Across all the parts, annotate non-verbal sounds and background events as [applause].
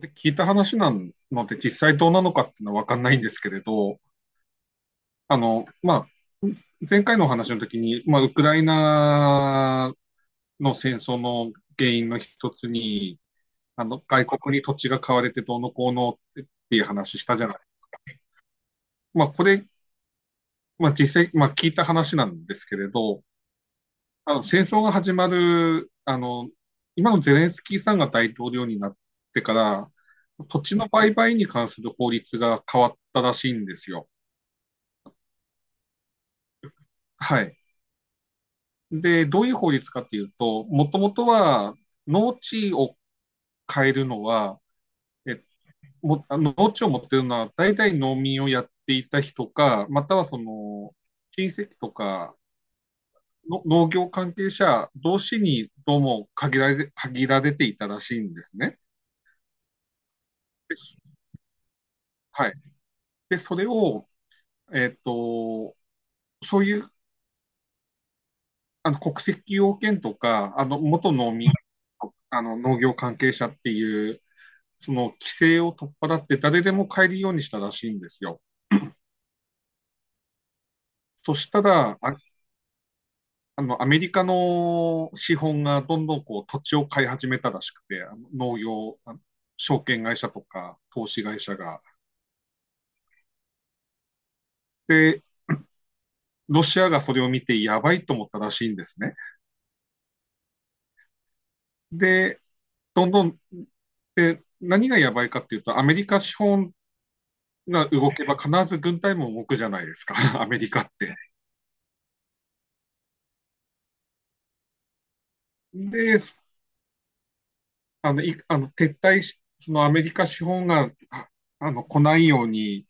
で聞いた話なので、実際どうなのかっていうのは分かんないんですけれど、あの、まあ、前回のお話の時に、ウクライナの戦争の原因の一つに、外国に土地が買われてどうのこうのっていう話したじゃない。まあ、これ、実際、聞いた話なんですけれど、あの、戦争が始まる、あの、今のゼレンスキーさんが大統領になってから、土地の売買に関する法律が変わったらしいんですよ。はい。で、どういう法律かっていうと、もともとは農地を変えるのは、え農地を持ってるのは大体農民をやっていた人か、またはその親戚とかの農業関係者同士にどうも限られていたらしいんですね。で、はい。で、それを、えっと、そういう国籍要件とか、元農民、農業関係者っていうその規制を取っ払って誰でも買えるようにしたらしいんですよ。そしたら、アメリカの資本がどんどんこう土地を買い始めたらしくて、あの農業、あの証券会社とか投資会社が。で、ロシアがそれを見てやばいと思ったらしいんですね。で、どんどん何がやばいかっていうと、アメリカ資本が動けば必ず軍隊も動くじゃないですか、[laughs] アメリカって。で、あの、い、あの、撤退し、そのアメリカ資本が、来ないように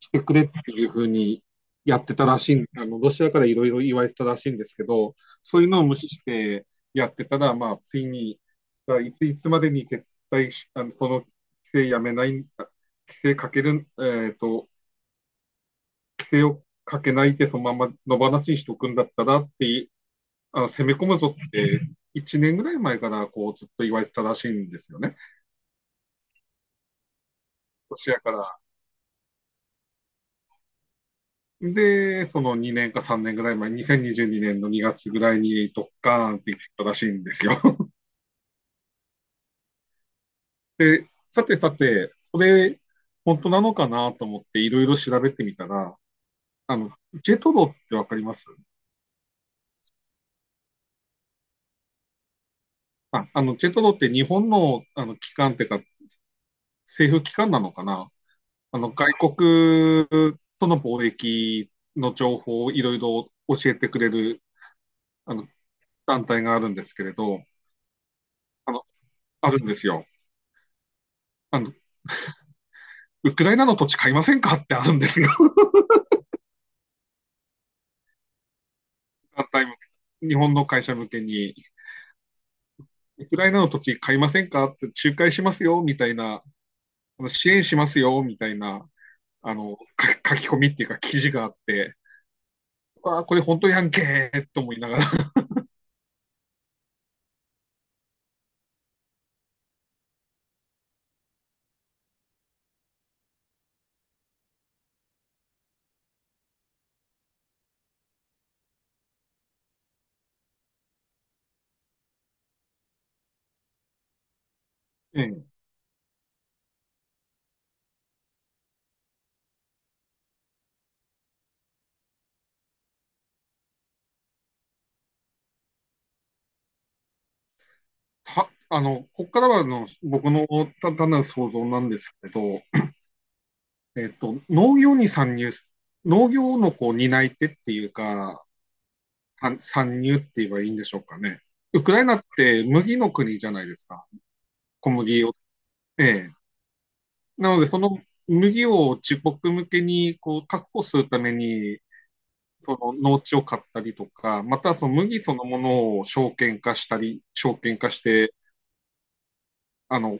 してくれっていうふうにやってたらしいん、あの、ロシアからいろいろ言われてたらしいんですけど、そういうのを無視してやってたら、ついに、だからいついつまでに撤退し、あの、その規制やめない、あ規制かける、えっと、規制をかけないでそのまま野放しにしておくんだったらって、攻め込むぞって、1年ぐらい前からこうずっと言われてたらしいんですよね。ロシアから。で、その2年か3年ぐらい前、2022年の2月ぐらいにドッカーンって言ってたらしいんですよ。[laughs] で、さてさて、それ、本当なのかなと思っていろいろ調べてみたら、あの、ジェトロってわかりますジェトロって日本の、機関っていうか、政府機関なのかな。外国との貿易の情報をいろいろ教えてくれる、あの、団体があるんですけれど、あの、あるんですよ。あの、ウクライナの土地買いませんかってあるんですよ。[laughs] 日本の会社向けに。ウクライナの土地買いませんかって仲介しますよ、みたいな、支援しますよ、みたいな、あの、書き込みっていうか記事があって、あ、これ本当やんけーと思いながら、[laughs] うん。は、あの、ここからはの僕の単なる想像なんですけど、農業に参入、農業のこう担い手っていうか、参入って言えばいいんでしょうかね。ウクライナって麦の国じゃないですか、小麦を。ええ、なので、その麦を自国向けにこう確保するために、その農地を買ったりとか、またその麦そのものを証券化したり、証券化して、あの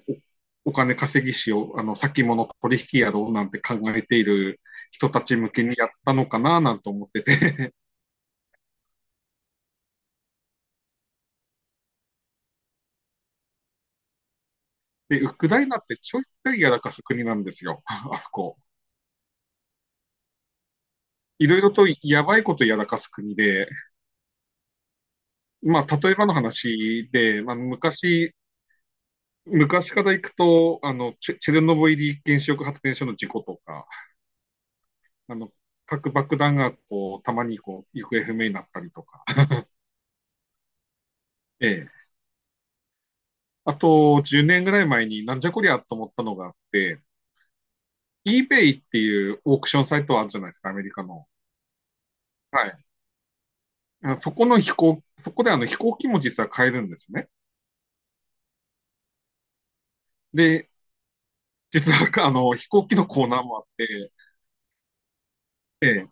お金稼ぎしよう、先物取引やろうなんて考えている人たち向けにやったのかななんて思ってて。で、ウクライナってちょいちょいやらかす国なんですよ、あそこ。いろいろとやばいことやらかす国で、まあ、例えばの話で、まあ、昔から行くと、チェチェルノブイリ原子力発電所の事故とか、あの、核爆弾がこう、たまにこう、行方不明になったりとか、ええ。あと、10年ぐらい前になんじゃこりゃと思ったのがあって、eBay っていうオークションサイトあるじゃないですか、アメリカの。はい。そこであの飛行機も実は買えるんですね。で、実はあの飛行機のコーナーもあって、ええ、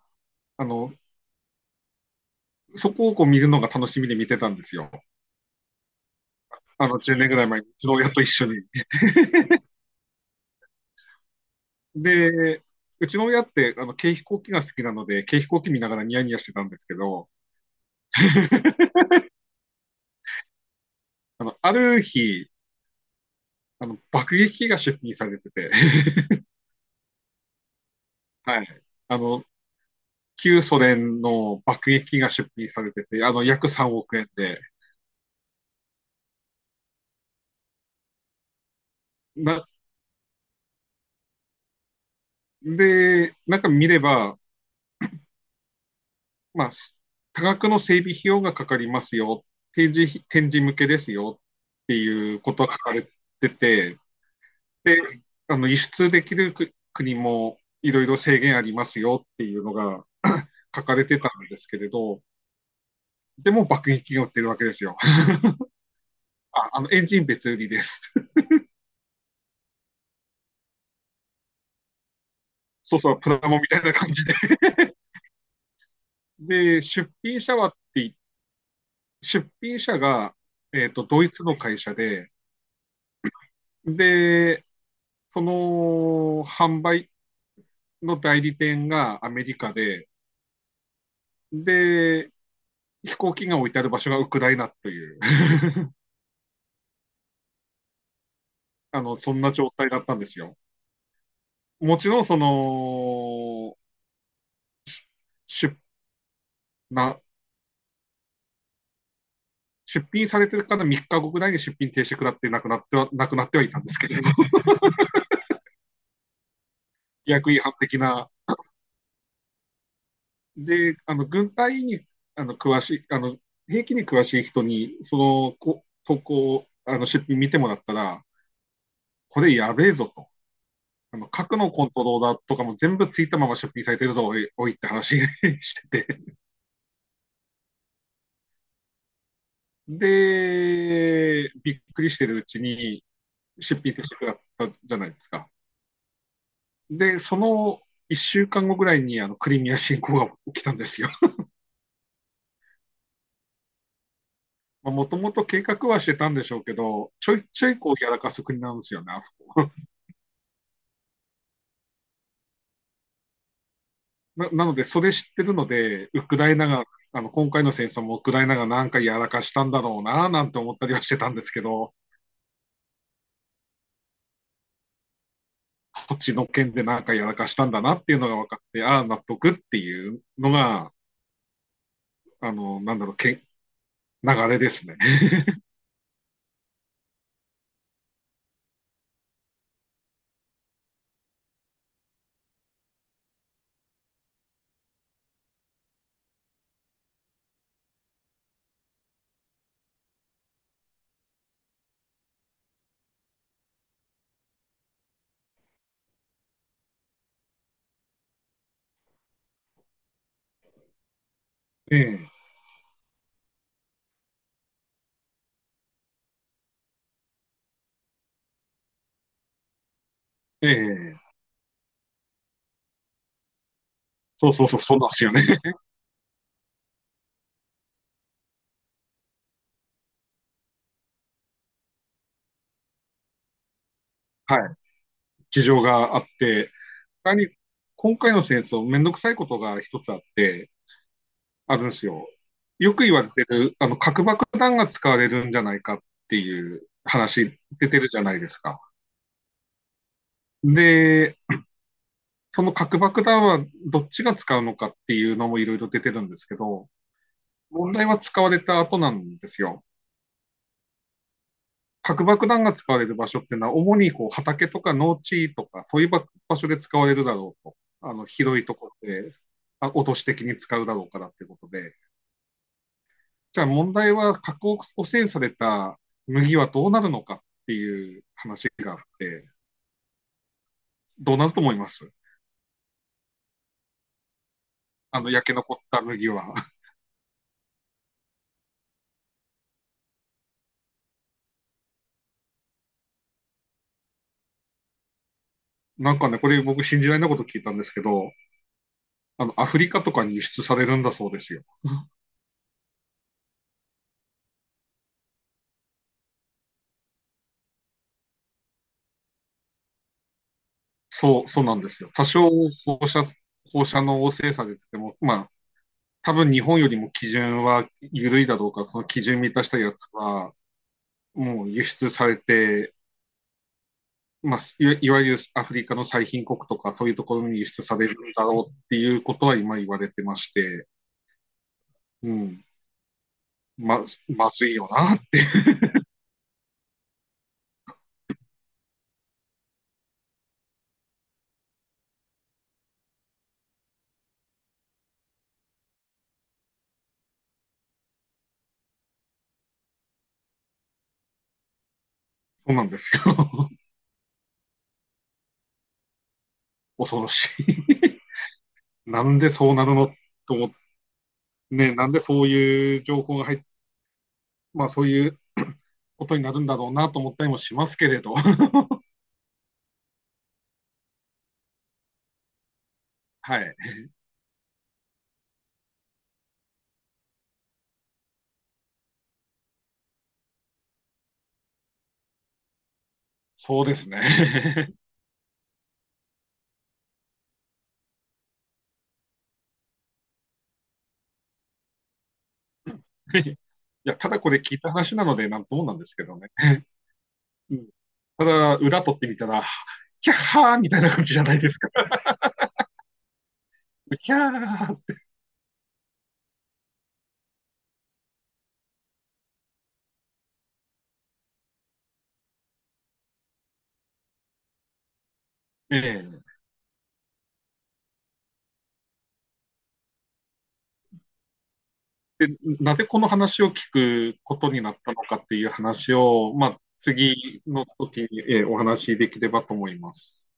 あの、そこをこう見るのが楽しみで見てたんですよ。あの、10年ぐらい前に、うちの親と一緒に。で、うちの親って、軽飛行機が好きなので、軽飛行機見ながらニヤニヤしてたんですけど、[laughs] ある日、爆撃機が出品されてて、[laughs] はい。あの、旧ソ連の爆撃機が出品されてて、あの、約3億円で、な、で、なんか見れば、まあ、多額の整備費用がかかりますよ、展示向けですよっていうことが書かれてて、で、輸出できる国もいろいろ制限ありますよっていうのが [coughs] 書かれてたんですけれど、でも爆撃機が売ってるわけですよ。[laughs] エンジン別売りです。そうそう、プラモみたいな感じで。[laughs] で、出品者が、えーとドイツの会社で、で、その販売の代理店がアメリカで、で、飛行機が置いてある場所がウクライナという [laughs] あの、そんな状態だったんですよ。もちろん、その、出、な、出品されてるから3日後ぐらいに出品停止食らってなくなってはいたんですけど、[laughs] 規約違反的な。で、あの、軍隊に、あの、詳しい、あの、兵器に詳しい人に、その、こ投稿、あの、出品見てもらったら、これやべえぞと。あの、核のコントローラーとかも全部ついたまま出品されてるぞ、おい、おいって話 [laughs] してて。で、びっくりしてるうちに出品としてくだったじゃないですか。で、その一週間後ぐらいにあのクリミア侵攻が起きたんですよ。[laughs] もともと計画はしてたんでしょうけど、ちょいちょいこうやらかす国なんですよね、あそこ。[laughs] なので、それ知ってるので、ウクライナが、あの今回の戦争もウクライナがなんかやらかしたんだろうな、なんて思ったりはしてたんですけど、そっちの件でなんかやらかしたんだなっていうのが分かって、ああ、納得っていうのが、あの、なんだろう、け流れですね。[laughs] ええええそうそうそう、そうなんですよね。[laughs] はい。事情があって、他に今回の戦争、めんどくさいことが一つあって、あるんですよ。よく言われてる、核爆弾が使われるんじゃないかっていう話出てるじゃないですか。で、その核爆弾はどっちが使うのかっていうのもいろいろ出てるんですけど、問題は使われた後なんですよ。核爆弾が使われる場所ってのは、主にこう畑とか農地とか、そういうば場所で使われるだろうと。あの、広いところで、落とし的に使うだろうからっていうことで。じゃあ問題は、核汚染された麦はどうなるのかっていう話があって、どうなると思いますあの、焼け残った麦は。[laughs] なんかね、これ僕信じられないこと聞いたんですけど、アフリカとかに輸出されるんだそうですよ。[laughs] そうなんですよ。多少放射、放射能汚染されてても、まあ、多分日本よりも基準は緩いだろうから、その基準満たしたやつは、もう輸出されて、まあ、いわゆるアフリカの最貧国とか、そういうところに輸出されるんだろうっていうことは今言われてまして、うん、まずいよなって、そうなんですよ。[laughs] 恐ろしい。[laughs] なんでそうなるのと思って、ね、なんでそういう情報が入まあそういう [coughs] ことになるんだろうなと思ったりもしますけれど、[laughs] はい、そうですね。[laughs] いや、ただこれ聞いた話なので、なんともなんですけどね。[laughs] うん、ただ、裏取ってみたら、キャッハーみたいな感じじゃないですか。[laughs] キャーって、で、なぜこの話を聞くことになったのかっていう話を、まあ、次の時に、お話しできればと思います。